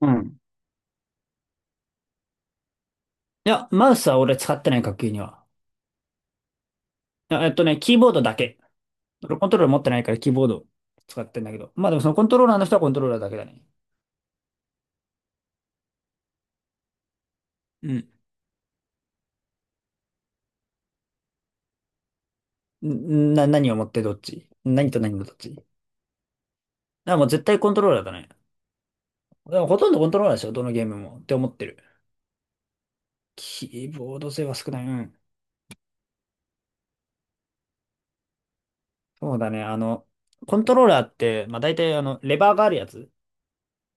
うん。いや、マウスは俺使ってない、学級には。いやキーボードだけ。俺コントローラー持ってないからキーボード使ってんだけど。まあでもそのコントローラーの人はコントローラーだけだね。うん。何を持ってどっち何と何のどっちだからもう絶対コントローラーだね。でもほとんどコントローラーでしょ、どのゲームも。って思ってる。キーボード性は少ない。うん。そうだね。コントローラーって、まあ大体レバーがあるやつ。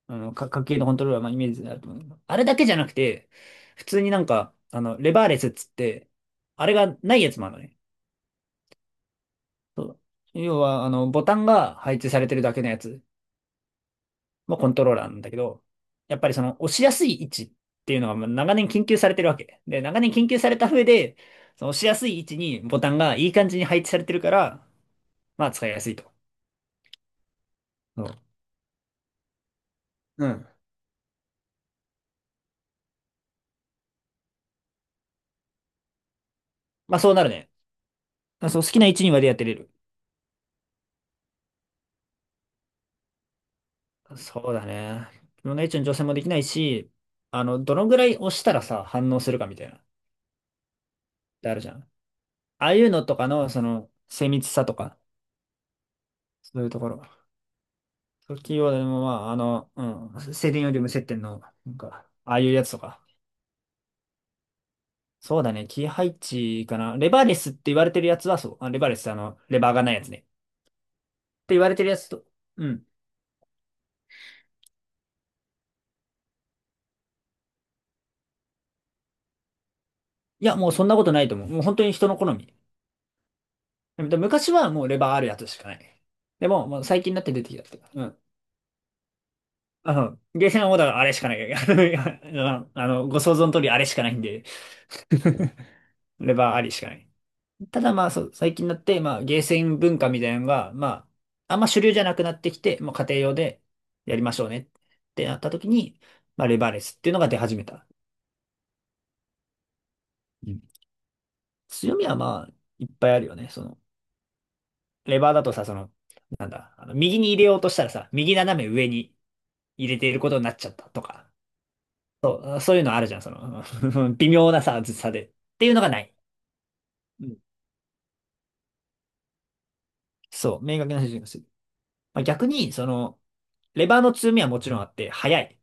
家計のコントローラー、まあ、イメージになると思う。あれだけじゃなくて、普通になんか、レバーレスっつって、あれがないやつもあるのね。そう。要は、ボタンが配置されてるだけのやつもコントローラーなんだけど、やっぱりその、押しやすい位置っていうのがまあ長年研究されてるわけ。で、長年研究された上で、その押しやすい位置にボタンがいい感じに配置されてるから、まあ、使いやすいと。そう。うん。まあ、そうなるね。あ、そう、好きな位置にまでやってれる。そうだね。自分が一応女性もできないし、どのぐらい押したらさ、反応するかみたいな、ってあるじゃん。ああいうのとかの、その、精密さとか、そういうところ。そういうキーワードでも、まあ、うん、静電より無接点の、なんか、ああいうやつとか。そうだね、キー配置かな。レバーレスって言われてるやつはそう。あ、レバーレスってレバーがないやつね。って言われてるやつと、うん。いや、もうそんなことないと思う。もう本当に人の好み。でも昔はもうレバーあるやつしかない。でも、もう最近になって出てきたって。うん。ゲーセンはもうあれしかない。ご想像の通りあれしかないんで、レバーありしかない。ただまあそう、最近になって、まあゲーセン文化みたいなのが、まあ、あんま主流じゃなくなってきて、もう家庭用でやりましょうねってなった時に、まあレバーレスっていうのが出始めた。うん。強みはまあ、いっぱいあるよね。その、レバーだとさ、その、なんだ、右に入れようとしたらさ、右斜め上に入れていることになっちゃったとか。そう、そういうのあるじゃん、その、微妙なさ、ずさで。っていうのがない。うん。そう、明確な指示がする。まあ、逆に、その、レバーの強みはもちろんあって、速い。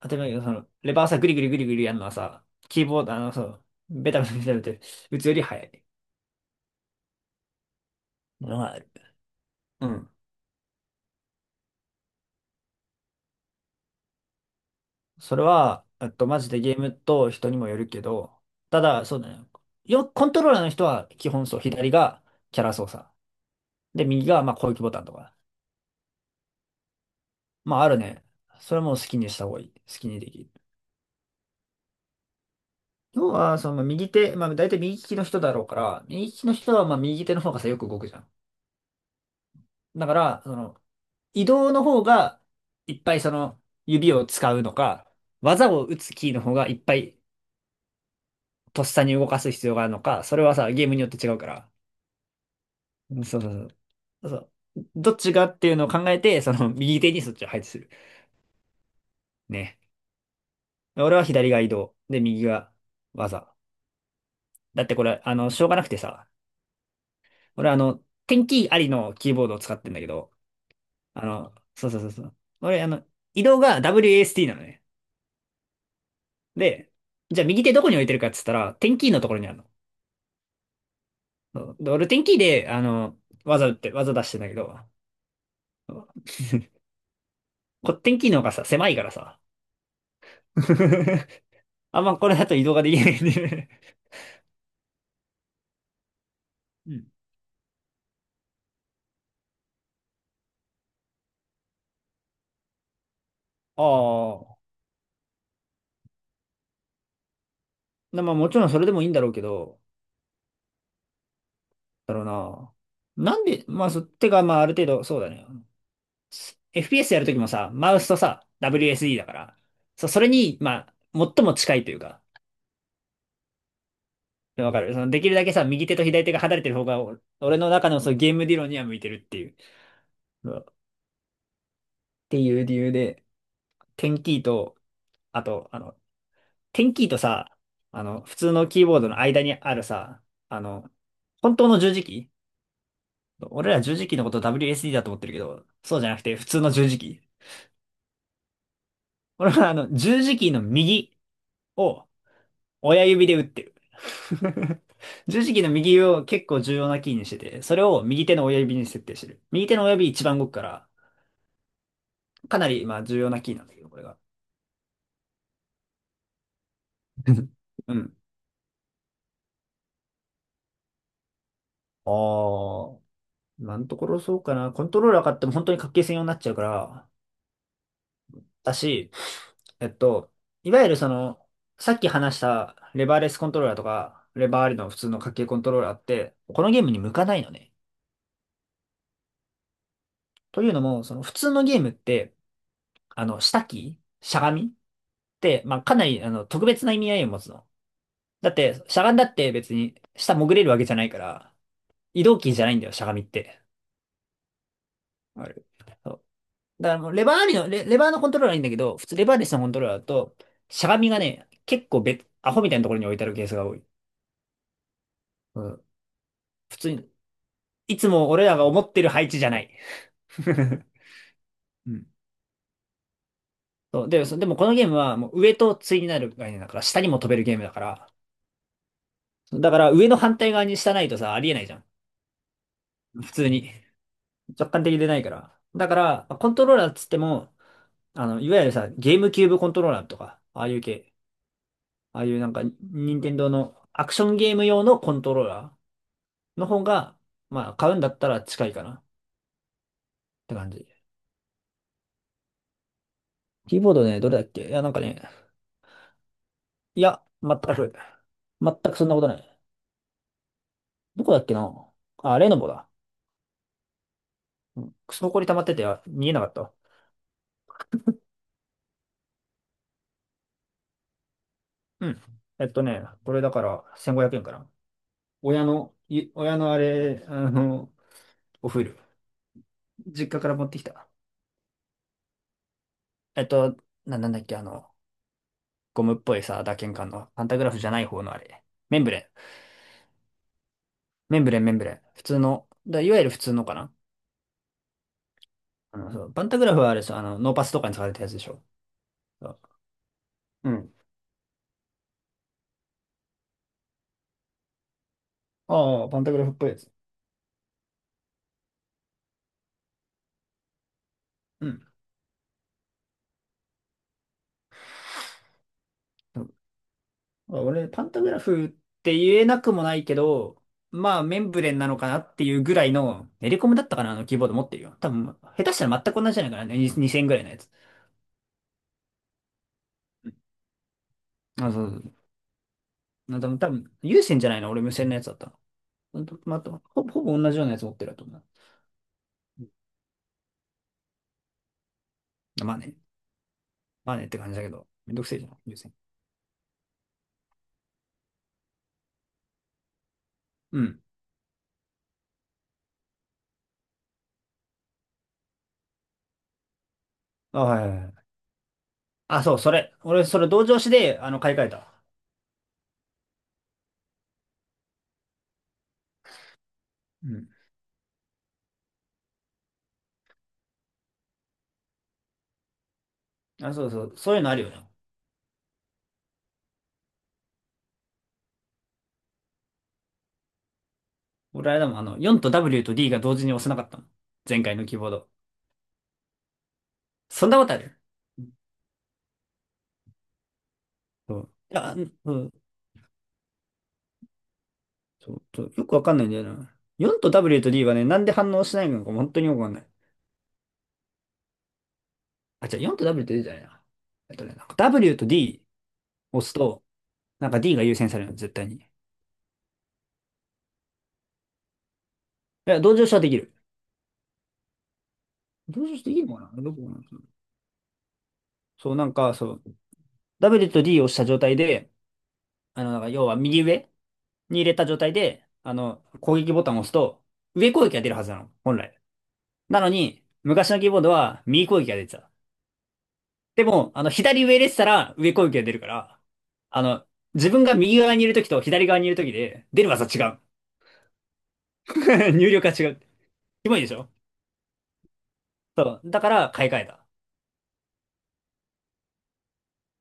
当たり前だけど、その、レバーさ、グリグリグリグリやるのはさ、キーボード、そう、ベタベタベタベタ打つより速いのがある。うん。それは、マジでゲームと人にもよるけど、ただ、そうだね。コントローラーの人は基本そう、左がキャラ操作。で、右が、まあ、攻撃ボタンとか。まあ、あるね。それも好きにした方がいい。好きにできる。要は、その右手、まあ大体右利きの人だろうから、右利きの人はまあ右手の方がさ、よく動くじゃん。だから、その、移動の方がいっぱいその指を使うのか、技を打つキーの方がいっぱいとっさに動かす必要があるのか、それはさ、ゲームによって違うから。うん、そうそうそう。そう。どっちがっていうのを考えて、その右手にそっちを配置する。ね。俺は左が移動。で、右が技。だってこれ、しょうがなくてさ、俺テンキーありのキーボードを使ってんだけど、そうそうそうそう。俺、移動が WASD なのね。で、じゃあ右手どこに置いてるかっつったら、テンキーのところにあるの。そう。で、俺、テンキーで、技打って、技出してんだけど、テンキーの方がさ、狭いからさ。あんまこれだと移動ができないんで。うん。ああ。まあもちろんそれでもいいんだろうけど、だろうな。なんで、まあてかまあある程度、そうだね。FPS やるときもさ、マウスとさ、WSD だから、それに、まあ、最も近いというか、でわかる。その、できるだけさ、右手と左手が離れてる方が、俺の中のそのゲーム理論には向いてるっていう。そう。っていう理由で、テンキーと、あと、テンキーとさ、普通のキーボードの間にあるさ、あの、本当の十字キー。俺ら十字キーのこと WSD だと思ってるけど、そうじゃなくて普通の十字キー。俺は十字キーの右を親指で打ってる。十字キーの右を結構重要なキーにしてて、それを右手の親指に設定してる。右手の親指一番動くから、かなり、まあ、重要なキーなんだけど、これが。うん。ああ、今のところそうかな。コントローラー買っても本当に格ゲー専用になっちゃうから、だし、えっと、いわゆるその、さっき話したレバーレスコントローラーとか、レバーありの普通の格ゲーコントローラーって、このゲームに向かないのね。というのも、その普通のゲームって、下キーしゃがみって、まあ、かなり、特別な意味合いを持つの。だって、しゃがんだって別に下潜れるわけじゃないから、移動キーじゃないんだよ、しゃがみって。ある。だからレバーありの、レバーのコントローラーはいいんだけど、普通レバーレスのコントローラーだと、しゃがみがね、結構別、アホみたいなところに置いてあるケースが多い。うん。普通に、いつも俺らが思ってる配置じゃない。うん、そう。で、でもこのゲームはもう上と対になる概念だから、下にも飛べるゲームだから、だから上の反対側に下ないとさ、ありえないじゃん。普通に。直感的でないから。だから、コントローラーっつっても、いわゆるさ、ゲームキューブコントローラーとか、ああいう系。ああいうなんか、任天堂のアクションゲーム用のコントローラーの方が、まあ、買うんだったら近いかなって感じ。キーボードね、どれだっけ。いや、なんかね、いや、全くそんなことない。どこだっけな。あ、レノボだ。クソこり溜まってて、あ、見えなかったわ。うん。これだから1500円かな。親の、親のあれ、おフル。実家から持ってきた。えっと、なんだっけ、ゴムっぽいさ、打鍵感の、パンタグラフじゃない方のあれ。メンブレン。メンブレン、メンブレン。普通の、いわゆる普通のかな。そう、パンタグラフはあれですよ、ノーパスとかに使われたやつでしょ。そう、うん。ああ、パンタグラフっぽいやつ。うん。うん、俺、パンタグラフって言えなくもないけど、まあ、メンブレンなのかなっていうぐらいの、エレコムだったかな、あのキーボード持ってるよ。多分、下手したら全く同じじゃないかな、ね、2000ぐらいのやつ。うん、あ、そうそう。多分、有線じゃないの、俺無線のやつだったの。ほんとまあ、ほぼ同じようなやつ持ってると思う。うん。まあね、まあねって感じだけど、めんどくせえじゃん、有線。うん、あ、はいはいはい。あ、そう、それ。俺、それ同調子で、買い替えた。うん。あ、そうそう。そういうのあるよね。俺、あれだもん、4と W と D が同時に押せなかったの。前回のキーボード。そんなことある？そう。いや、うん、そうそうそう、よくわかんないんだよな。4と W と D はね、なんで反応しないのか本当によくわかんない。あ、じゃあ4と W と D じゃないな。なんか W と D 押すと、なんか D が優先されるの、絶対に。いや、同情しはできる。同情しできるのかな。どこかな。そう、なんか、そう、W と D を押した状態で、だから要は右上に入れた状態で、攻撃ボタンを押すと、上攻撃が出るはずなの、本来。なのに、昔のキーボードは右攻撃が出てた。でも、左上入れてたら上攻撃が出るから、あの、自分が右側にいるときと左側にいるときで、出る技違う。入力が違う。キモいでしょ？そう。だから、買い替えた。